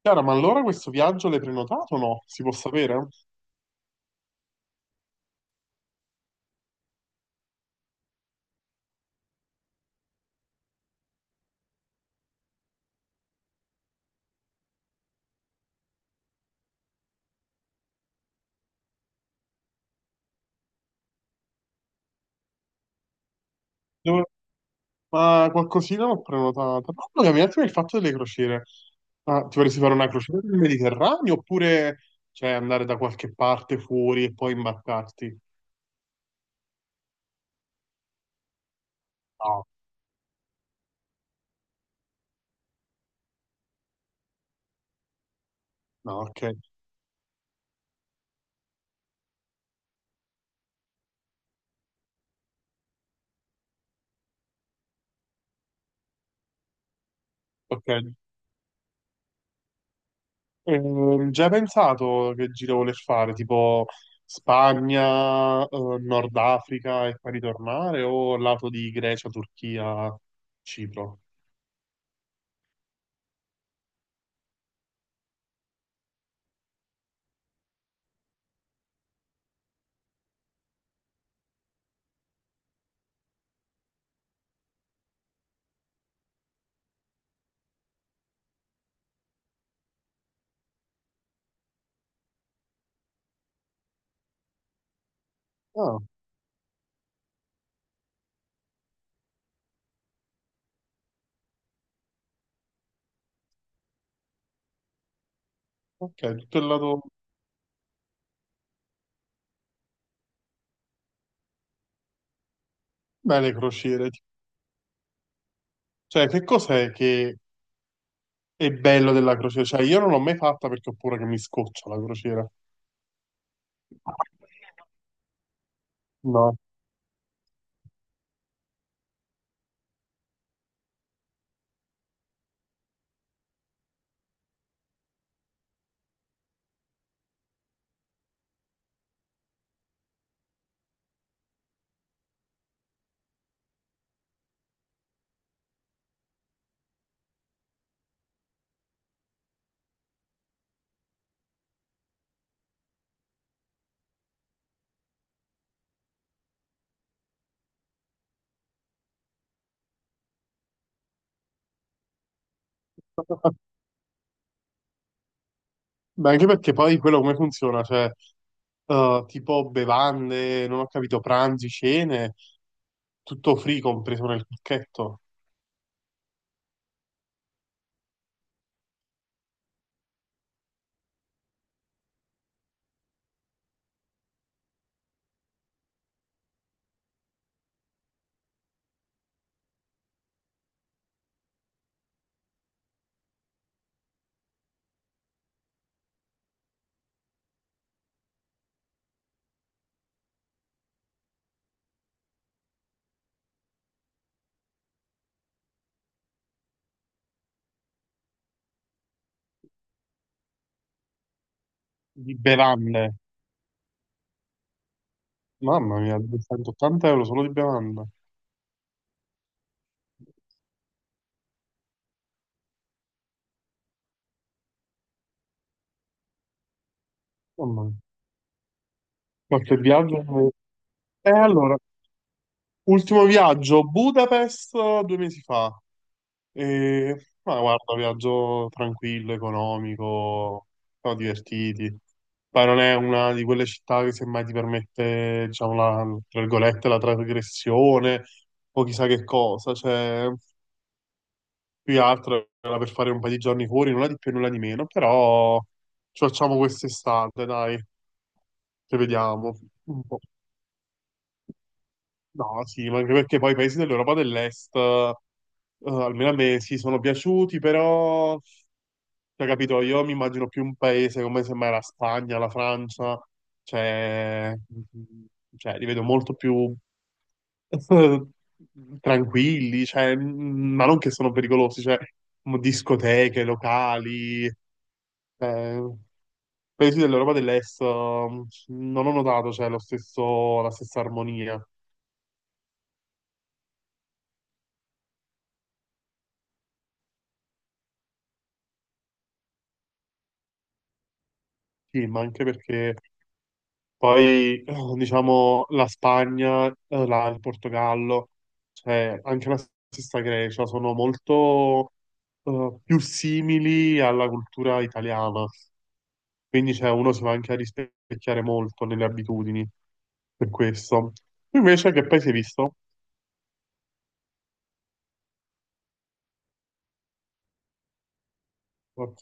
Chiara, ma allora questo viaggio l'hai prenotato o no? Si può sapere? Dove- Ma qualcosina l'ho prenotata. Parlami un attimo del fatto delle crociere. Ma ti vorresti fare una crociera nel Mediterraneo oppure cioè, andare da qualche parte fuori e poi imbarcarti? No, no, ok. Ok. Già hai pensato che giro voler fare? Tipo Spagna, Nord Africa e poi ritornare o lato di Grecia, Turchia, Cipro? Ah, ok, tutto il lato. Beh, le crociere. Cioè, che cos'è che è bello della crociera? Cioè, io non l'ho mai fatta perché ho paura che mi scoccia la crociera. No. Beh, anche perché poi quello come funziona? Cioè, tipo bevande, non ho capito, pranzi, cene, tutto free compreso nel pacchetto di bevande. Mamma mia, 280 euro solo di bevande. Mamma mia. Qualche viaggio? E allora, ultimo viaggio, Budapest due mesi fa. E, ma guarda, viaggio tranquillo, economico, siamo divertiti. Poi non è una di quelle città che semmai ti permette, diciamo, la, tra virgolette, la trasgressione o chissà che cosa. Cioè, più che altro era per fare un paio di giorni fuori, nulla di più e nulla di meno, però ci facciamo quest'estate, dai, che vediamo. Un po'. No, sì, ma anche perché poi i paesi dell'Europa dell'Est, almeno a me, sì, sono piaciuti, però, cioè, capito, io mi immagino più un paese come semmai la Spagna, la Francia, cioè, mm, cioè li vedo molto più eh, tranquilli, cioè, mm, ma non che sono pericolosi, cioè, discoteche, locali, eh, paesi dell'Europa dell'Est, non ho notato, cioè, lo stesso, la stessa armonia. Sì, ma anche perché poi, diciamo, la Spagna, il Portogallo, cioè anche la stessa Grecia, sono molto più simili alla cultura italiana. Quindi, cioè, uno si va anche a rispecchiare molto nelle abitudini, per questo. Invece, che paese hai visto? Ok.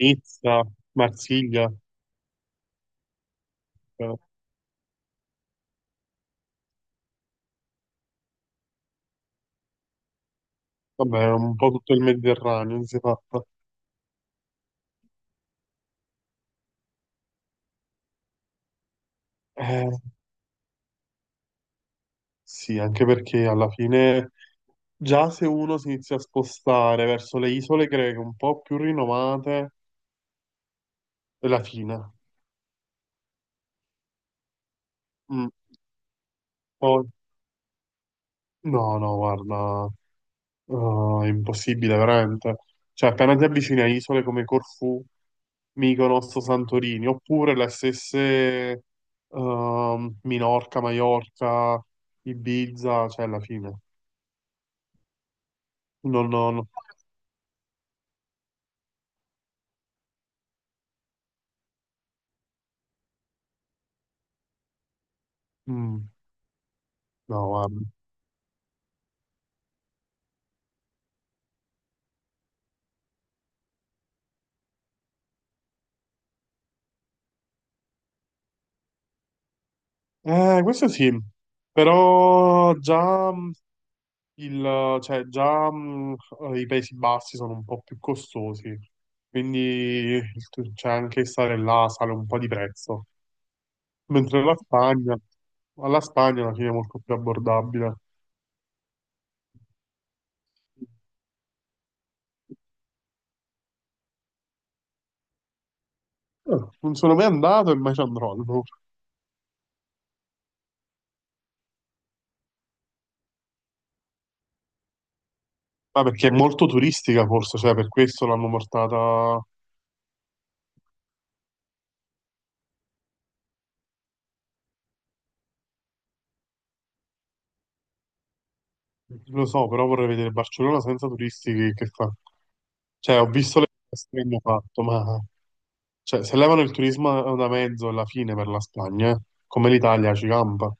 Nizza, Marsiglia, eh, vabbè, un po' tutto il Mediterraneo, si è fatta. Eh, sì, anche perché alla fine. Già se uno si inizia a spostare verso le isole greche un po' più rinomate, è la Cina. Mm. Poi, no, no, guarda, è impossibile veramente. Cioè, appena ti avvicini a isole come Corfù, Mykonos, Santorini, oppure le stesse Minorca, Maiorca, Ibiza, cioè alla fine. Non, no, no. Mm, no, guarda. Questo sì, però già mm, Il, cioè, già i Paesi Bassi sono un po' più costosi, quindi il- cioè, anche stare là sale un po' di prezzo. Mentre la Spagna alla fine è molto più abbordabile. Eh, Non sono mai andato e mai ci andrò. No. Ma perché è molto turistica, forse, cioè, per questo l'hanno portata. Lo so, però vorrei vedere Barcellona senza turisti che fa. Cioè, ho visto le cose che hanno fatto, ma cioè, se levano il turismo da mezzo alla fine per la Spagna, come l'Italia ci campa.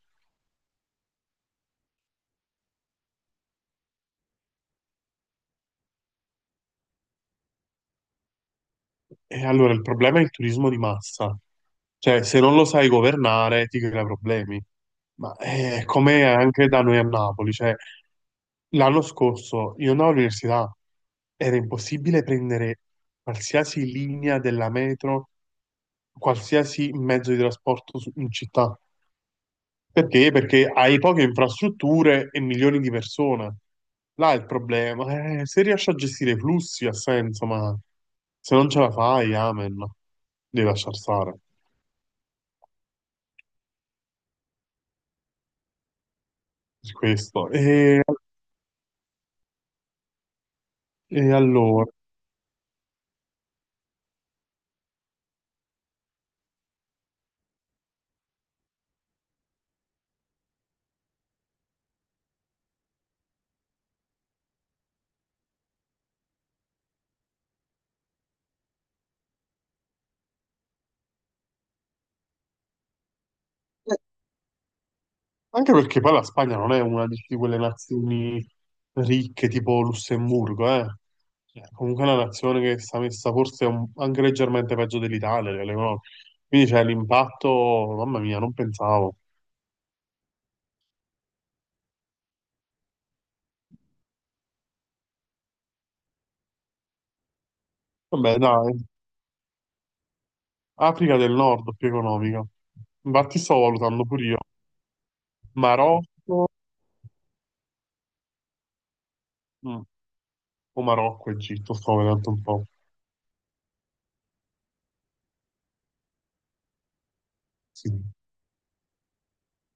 E allora il problema è il turismo di massa, cioè se non lo sai governare ti crea problemi, ma è come anche da noi a Napoli, cioè l'anno scorso io andavo all'università, era impossibile prendere qualsiasi linea della metro, qualsiasi mezzo di trasporto in città, perché? Perché hai poche infrastrutture e milioni di persone. Là è il problema. Se riesci a gestire i flussi ha senso, ma se non ce la fai, amen. Devi lasciar stare. Per questo. E allora, eh, anche perché poi la Spagna non è una di quelle nazioni ricche tipo Lussemburgo, eh. Cioè, comunque è una nazione che sta messa forse anche leggermente peggio dell'Italia, delle cose. Quindi c'è l'impatto, mamma mia, non pensavo. Vabbè, dai. Africa del Nord più economica. Infatti sto valutando pure io. Marocco, mm, o Marocco, Egitto, sto vedendo un po'. Sì.